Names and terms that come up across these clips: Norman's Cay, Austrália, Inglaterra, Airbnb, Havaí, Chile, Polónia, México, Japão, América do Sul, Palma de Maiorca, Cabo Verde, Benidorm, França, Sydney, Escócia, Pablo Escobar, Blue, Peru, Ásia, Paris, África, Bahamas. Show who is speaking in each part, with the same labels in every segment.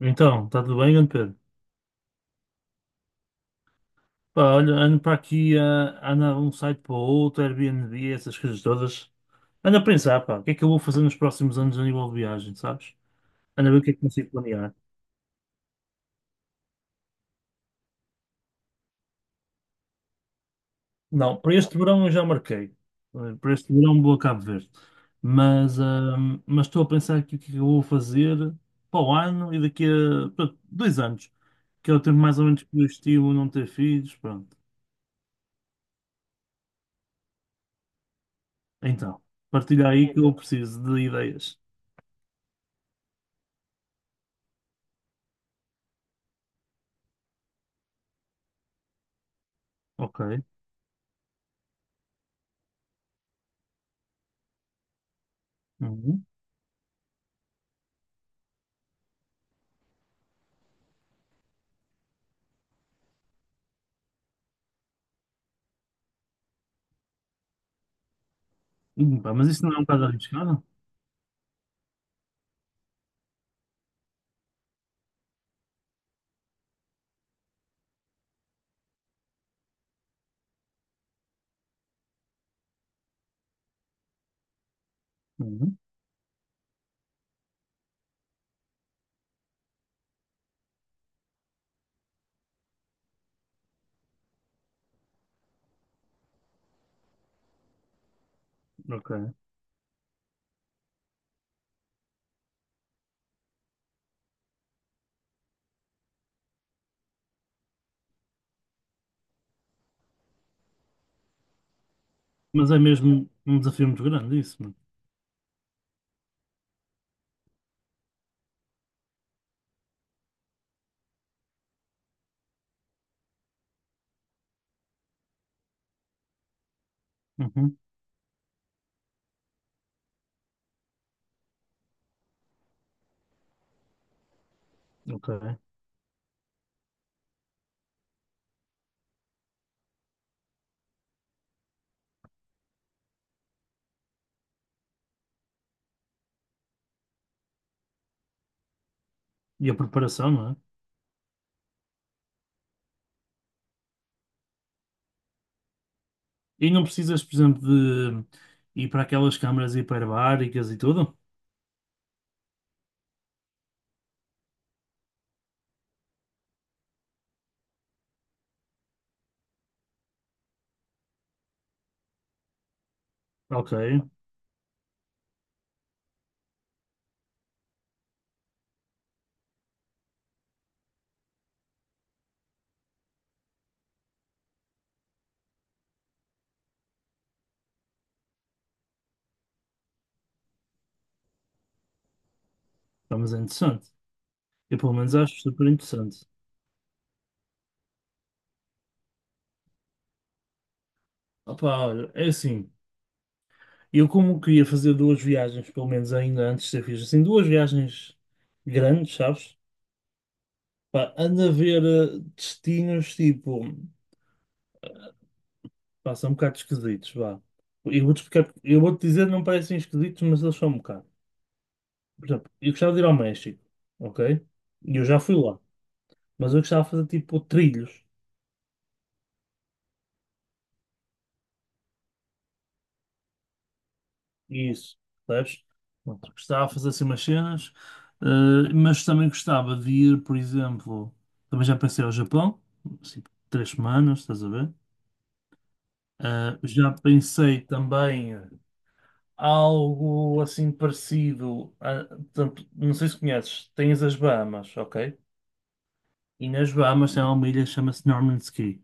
Speaker 1: Então, está tudo bem, grande Pedro? Pá, olha, ando para aqui, ando de um site para o outro, Airbnb, essas coisas todas. Ando a pensar, pá, o que é que eu vou fazer nos próximos anos a nível de viagem, sabes? Ando a ver o que é que consigo planear. Não, para este verão eu já marquei. Para este verão vou a Cabo Verde. Mas, ah, mas estou a pensar aqui o que é que eu vou fazer para o ano e daqui a, pronto, 2 anos, que é o tempo mais ou menos que eu estimo não ter filhos, pronto. Então, partilha aí que eu preciso de ideias. Ok. Uhum. Pá, mas isso não é um bocado arriscado? Uhum, ok. Mas é mesmo um desafio muito grande isso, mano. Uhum, ok. E a preparação, não é? E não precisas, por exemplo, de ir para aquelas câmaras hiperbáricas e tudo? Ok, pá, mas é interessante. Eu pelo menos acho super interessante. Opa, olha, é assim. Eu como queria fazer duas viagens, pelo menos ainda antes de ser fixe, assim, duas viagens grandes, sabes? Pá, anda a ver destinos tipo. Pá, são um bocado esquisitos, vá. Eu vou-te explicar, eu vou-te dizer, não parecem esquisitos, mas eles são um bocado. Por exemplo, eu gostava de ir ao México, ok? E eu já fui lá, mas eu gostava de fazer tipo trilhos e isso, percebes? Pronto, gostava de fazer assim umas cenas, mas também gostava de ir, por exemplo, também já pensei ao Japão, assim, 3 semanas, estás a ver? Já pensei também algo assim parecido. Não sei se conheces, tens as Bahamas, ok? E nas Bahamas tem lá uma ilha que chama-se Norman's Cay.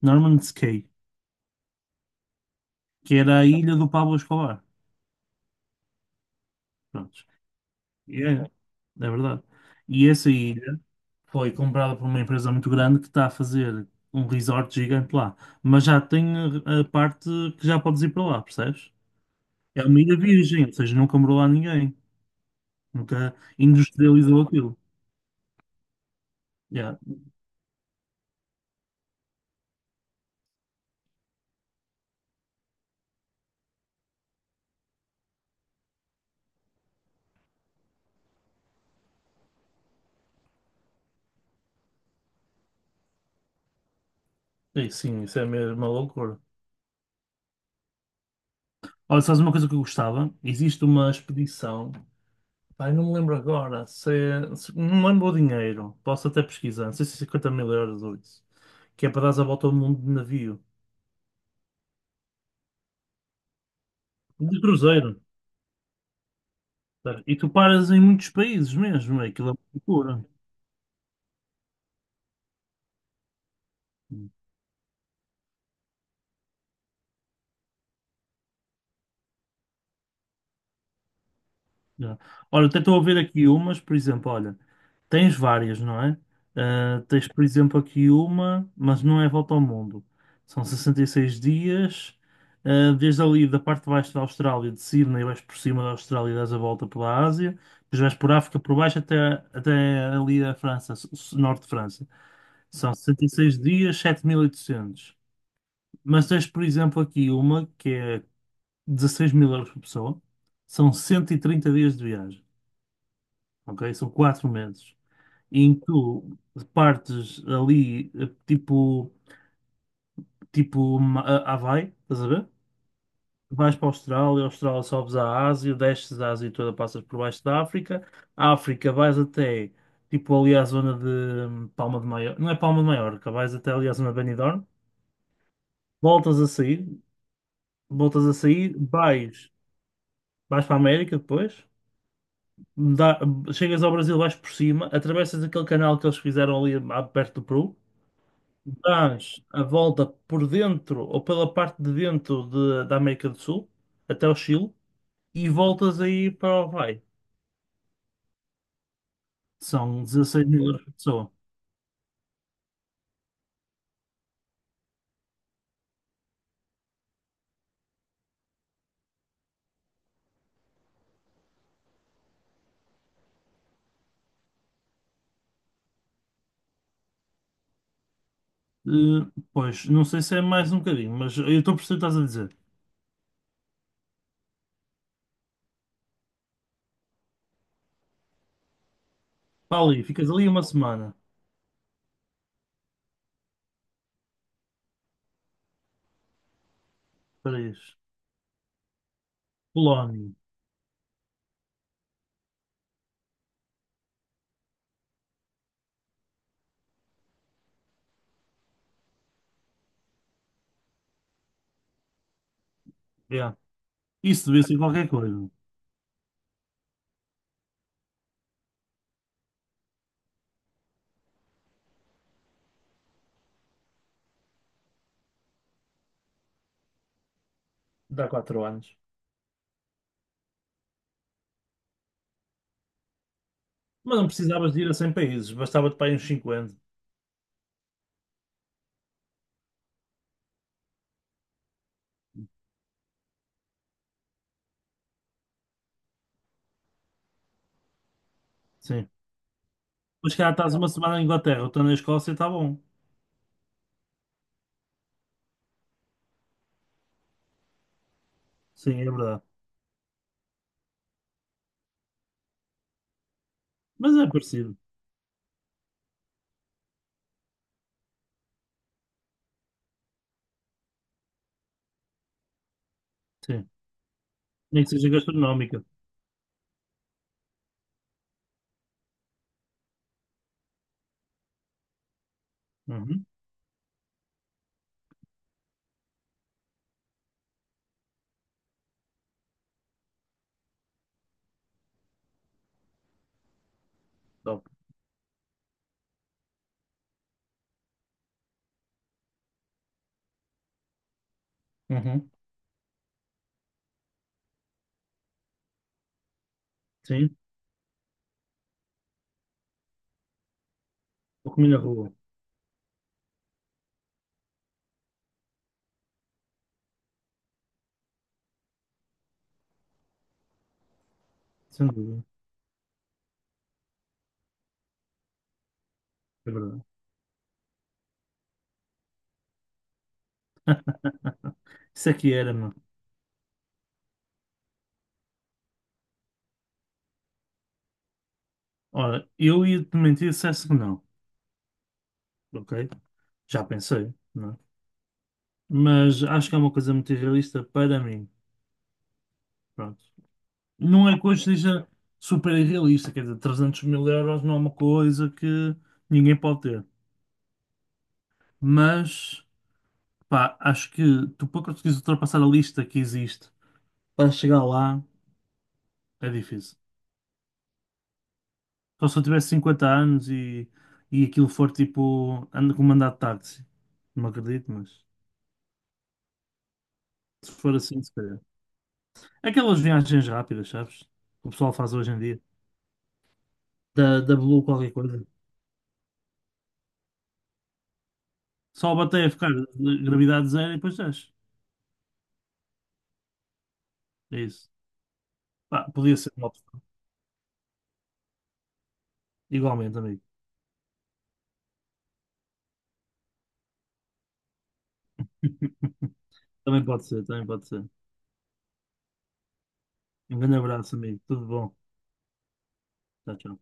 Speaker 1: Norman's Cay, que era a ilha do Pablo Escobar. Prontos. E é verdade. E essa ilha foi comprada por uma empresa muito grande que está a fazer um resort gigante lá. Mas já tem a parte que já podes ir para lá, percebes? É uma ilha virgem, ou seja, nunca morou lá ninguém. Nunca industrializou aquilo. Yeah. E sim, isso é mesmo uma loucura. Olha, sabes uma coisa que eu gostava? Existe uma expedição ai não me lembro agora. Não lembro o dinheiro. Posso até pesquisar. Não sei se é 50 mil euros ou isso. Que é para dar a volta ao mundo de navio. De cruzeiro. Tá? E tu paras em muitos países mesmo. Aquilo é uma loucura. Já. Olha, até estou a ver aqui umas, por exemplo, olha, tens várias, não é? Ah, tens, por exemplo, aqui uma, mas não é volta ao mundo. São 66 dias, desde ali da parte de baixo da Austrália, de Sydney, vais por cima da Austrália e dás a volta pela Ásia, depois vais por África por baixo até, até ali a França, norte de França. São 66 dias, 7.800. Mas tens, por exemplo, aqui uma que é 16 mil euros por pessoa, são 130 dias de viagem, ok? São 4 meses em que tu partes ali, tipo Havaí, estás a ver? Vais para a Austrália sobes à Ásia, desces a Ásia toda, passas por baixo da África, a África vais até, tipo, ali à zona de Palma de Maiorca, não é Palma de Maiorca, vais até ali à zona de Benidorm, voltas a sair, voltas a sair, vais, vais para a América depois, dá- chegas ao Brasil, vais por cima, atravessas aquele canal que eles fizeram ali perto do Peru, dás a volta por dentro ou pela parte de dentro da América do Sul até o Chile e voltas aí para o Havaí. São 16 mil euros por pessoa. Eh, pois, não sei se é mais um bocadinho, mas eu estou a perceber o que estás a dizer. Para ali, ficas ali uma semana. Paris, Polónia. Yeah. Isso devia ser qualquer coisa. Dá 4 anos. Mas não precisavas de ir a 100 países, bastava-te para ir uns 50. Sim. Mas cá estás uma semana na Inglaterra, outra na Escócia, está bom. Sim, é verdade. Mas é parecido. Sim. Nem que seja gastronómica. Uhum. Top. Uhum. Sim. Vou comer na rua. Sem dúvida. É verdade. Isso aqui era, mano. Ora, eu ia-te mentir se dissesse que não. Ok? Já pensei, não é? Mas acho que é uma coisa muito irrealista para mim. Pronto. Não é que hoje seja super irrealista, quer dizer, 300 mil euros não é uma coisa que ninguém pode ter. Mas, pá, acho que tu para conseguires ultrapassar a lista que existe para chegar lá é difícil. Só se eu tivesse 50 anos e aquilo for tipo, ando com mandato de táxi. Não acredito, mas se for assim, se calhar. Aquelas viagens rápidas, sabes? Que o pessoal faz hoje em dia. Da Blue qualquer coisa. Só bater a ficar de gravidade zero e depois desce. É isso. Pá, podia ser uma opção. Igualmente, amigo. Também pode ser, também pode ser. Um grande abraço, amigo. Tudo bom. Tchau, tchau.